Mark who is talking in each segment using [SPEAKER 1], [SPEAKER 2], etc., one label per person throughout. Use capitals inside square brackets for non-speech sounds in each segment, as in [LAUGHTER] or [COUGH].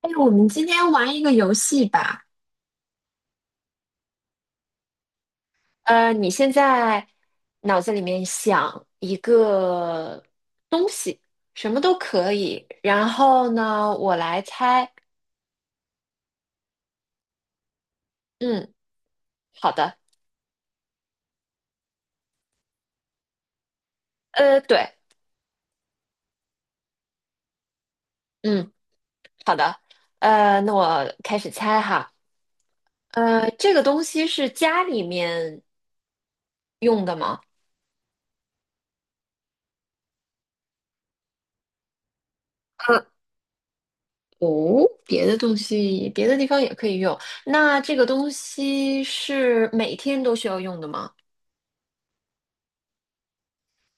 [SPEAKER 1] 哎，我们今天玩一个游戏吧。你现在脑子里面想一个东西，什么都可以。然后呢，我来猜。嗯，好的。对，嗯，好的。那我开始猜哈。这个东西是家里面用的吗？呃，哦，别的东西，别的地方也可以用。那这个东西是每天都需要用的吗？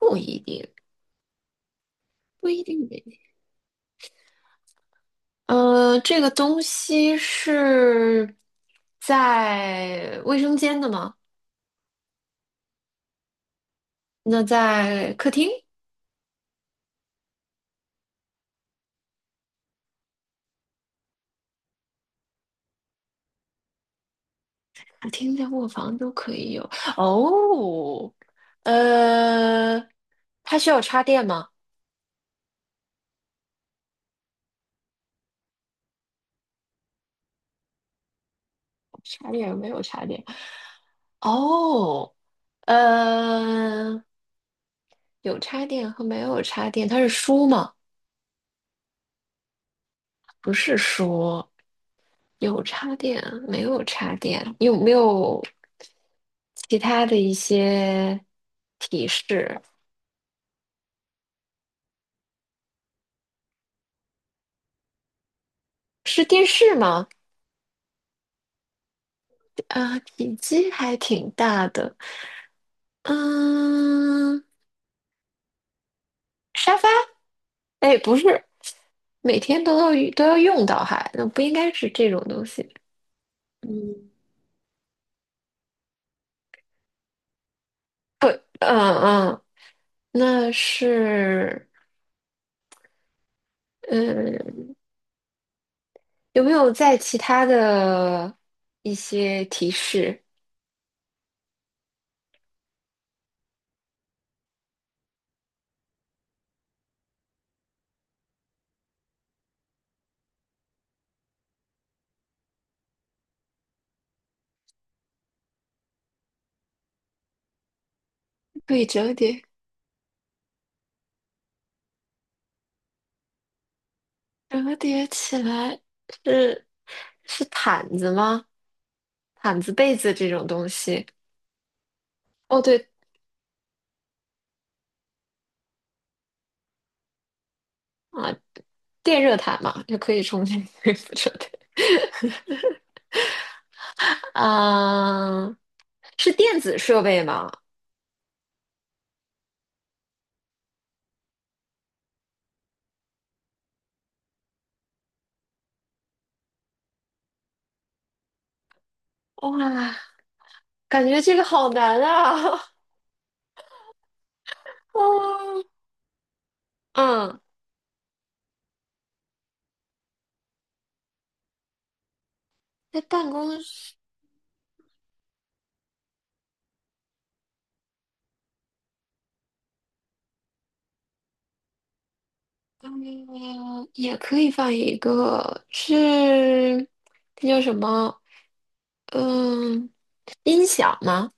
[SPEAKER 1] 不一定。不一定每天呃，这个东西是在卫生间的吗？那在客厅、客厅在卧房都可以有。哦，呃，它需要插电吗？插电没有插电。哦，呃，有插电和没有插电，它是书吗？不是书，有插电啊，没有插电，你有没有其他的一些提示？是电视吗？啊，体积还挺大的。嗯，沙发？哎，不是，每天都要用到哈，那不应该是这种东西。嗯，嗯嗯，那是，嗯，有没有在其他的一些提示？可以折叠。折叠起来是是毯子吗？毯子、被子这种东西。哦，对啊，电热毯嘛，就可以充电，可以不 [LAUGHS] 折叠。[LAUGHS] 啊，是电子设备吗？哇，感觉这个好难啊！[LAUGHS] 哦，嗯，在办公室，嗯，也可以放一个，是，那叫什么？嗯，音响吗？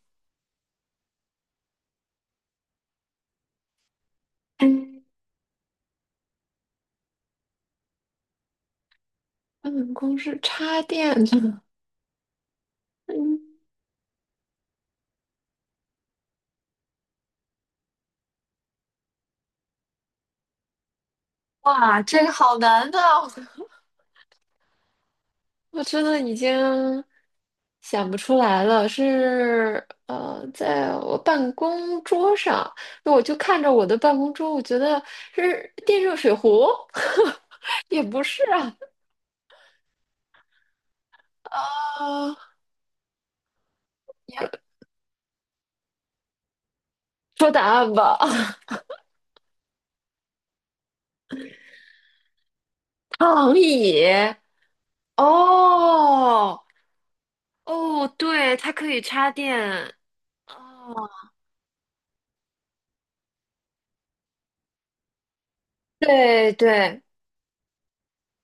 [SPEAKER 1] 办公室插电的，[LAUGHS] 嗯，哇，这个好难的，我真的已经想不出来了。是在我办公桌上，那我就看着我的办公桌，我觉得是电热水壶，[LAUGHS] 也不是啊。啊，说答案吧，[LAUGHS] 躺椅。哦哦，对，它可以插电。哦，对对，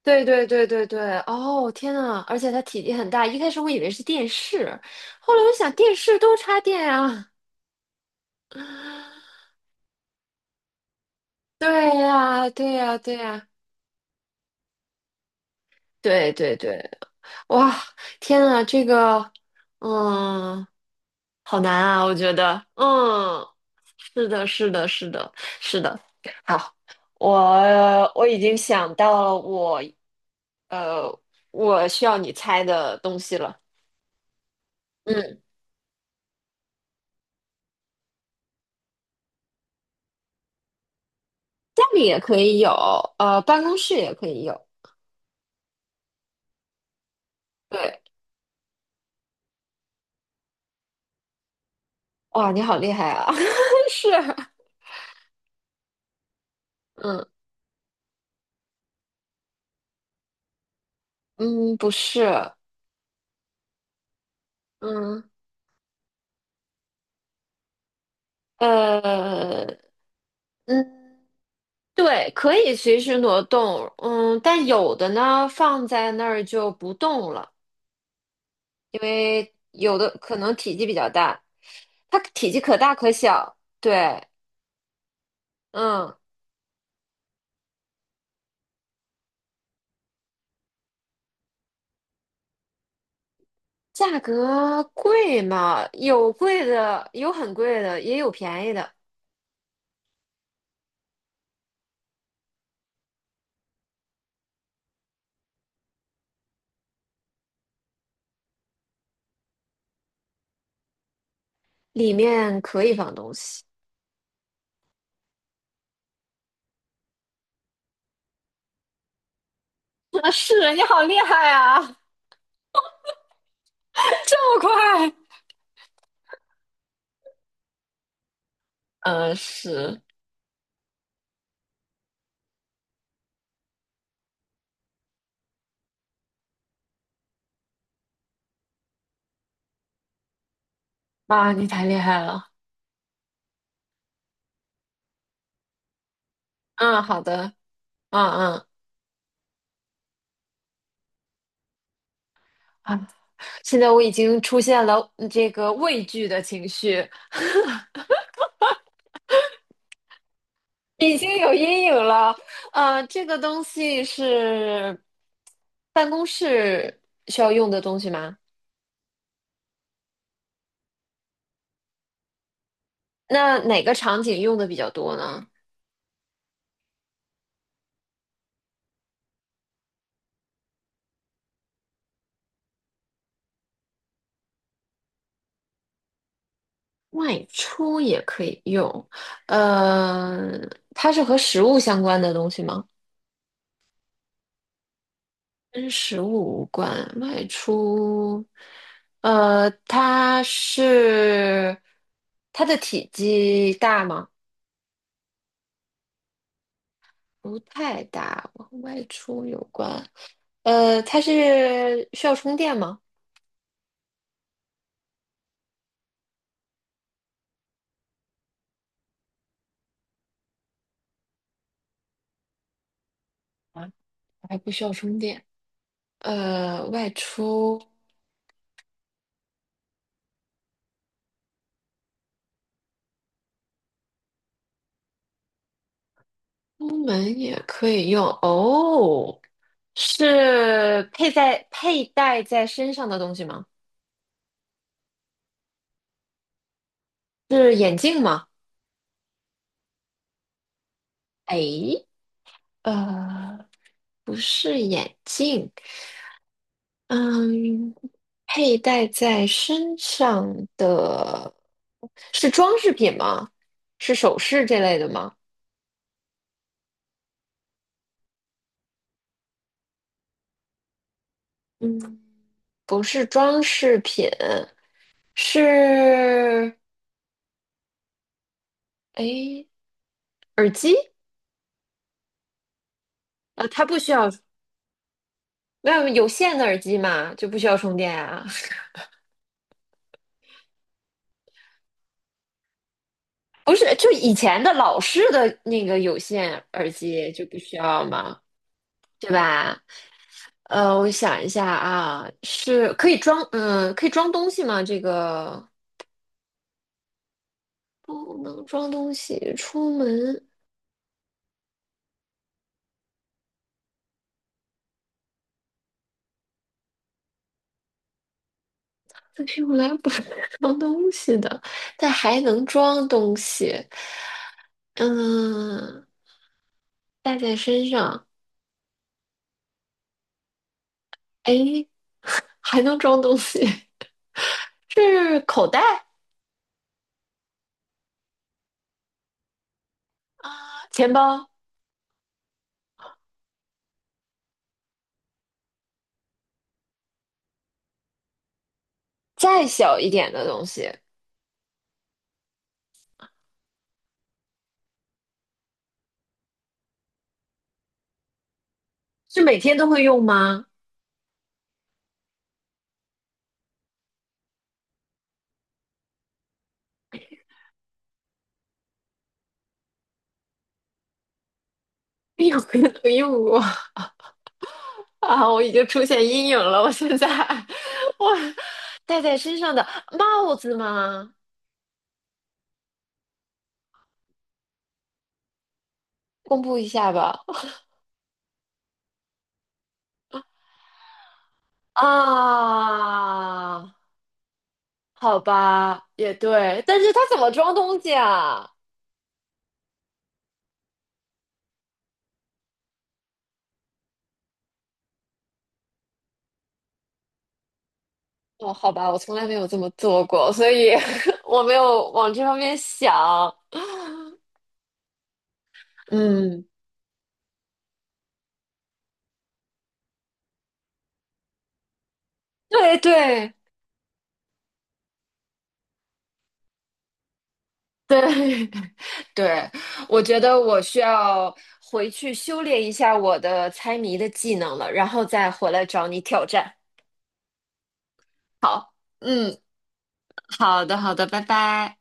[SPEAKER 1] 对对对对对，哦天呐，而且它体积很大，一开始我以为是电视，后来我想电视都插电啊。[LAUGHS] 对呀，对呀，对呀，对对对，哇，天呐，这个，嗯，好难啊，我觉得，嗯，是的，是的，是的，是的，好，我已经想到了我，呃，我需要你猜的东西了，嗯。家里也可以有，办公室也可以有。对，哇，你好厉害啊！[LAUGHS] 是，嗯嗯，不是，嗯呃嗯，对，可以随时挪动，嗯，但有的呢放在那儿就不动了，因为有的可能体积比较大，它体积可大可小。对，嗯，价格贵嘛，有贵的，有很贵的，也有便宜的。里面可以放东西。[LAUGHS] 啊，是你好厉害啊！这么快？嗯，是啊，你太厉害了。嗯，好的，嗯嗯啊，现在我已经出现了这个畏惧的情绪，已经有阴影了。这个东西是办公室需要用的东西吗？那哪个场景用的比较多呢？外出也可以用，呃，它是和食物相关的东西吗？跟食物无关，外出，呃，它是它的体积大吗？不太大，和外出有关。它是需要充电吗？啊，还不需要充电。外出出门也可以用哦，是佩戴在身上的东西吗？是眼镜吗？哎，呃。不是眼镜，嗯，佩戴在身上的是装饰品吗？是首饰这类的吗？嗯，不是装饰品，是，诶，耳机？啊，它不需要，没有有线的耳机嘛，就不需要充电啊。[LAUGHS] 不是，就以前的老式的那个有线耳机就不需要嘛，对吧？我想一下啊，是可以装，嗯，可以装东西吗？这个不能装东西，但是用来不是 [LAUGHS] 装东西的，但还能装东西，嗯，带在身上，哎，[LAUGHS] 还能装东西，[LAUGHS] 是口袋啊，钱包，再小一点的东西，是每天都会用吗？[LAUGHS] 每天都会用过，[LAUGHS] 啊，我已经出现阴影了，我现在 [LAUGHS] 我戴在身上的帽子吗？公布一下吧。[LAUGHS] 啊，好吧，也对，但是它怎么装东西啊？哦，好吧，我从来没有这么做过，所以 [LAUGHS] 我没有往这方面想。嗯，对对，对，[LAUGHS] 对，我觉得我需要回去修炼一下我的猜谜的技能了，然后再回来找你挑战。嗯，好的，好的，拜拜。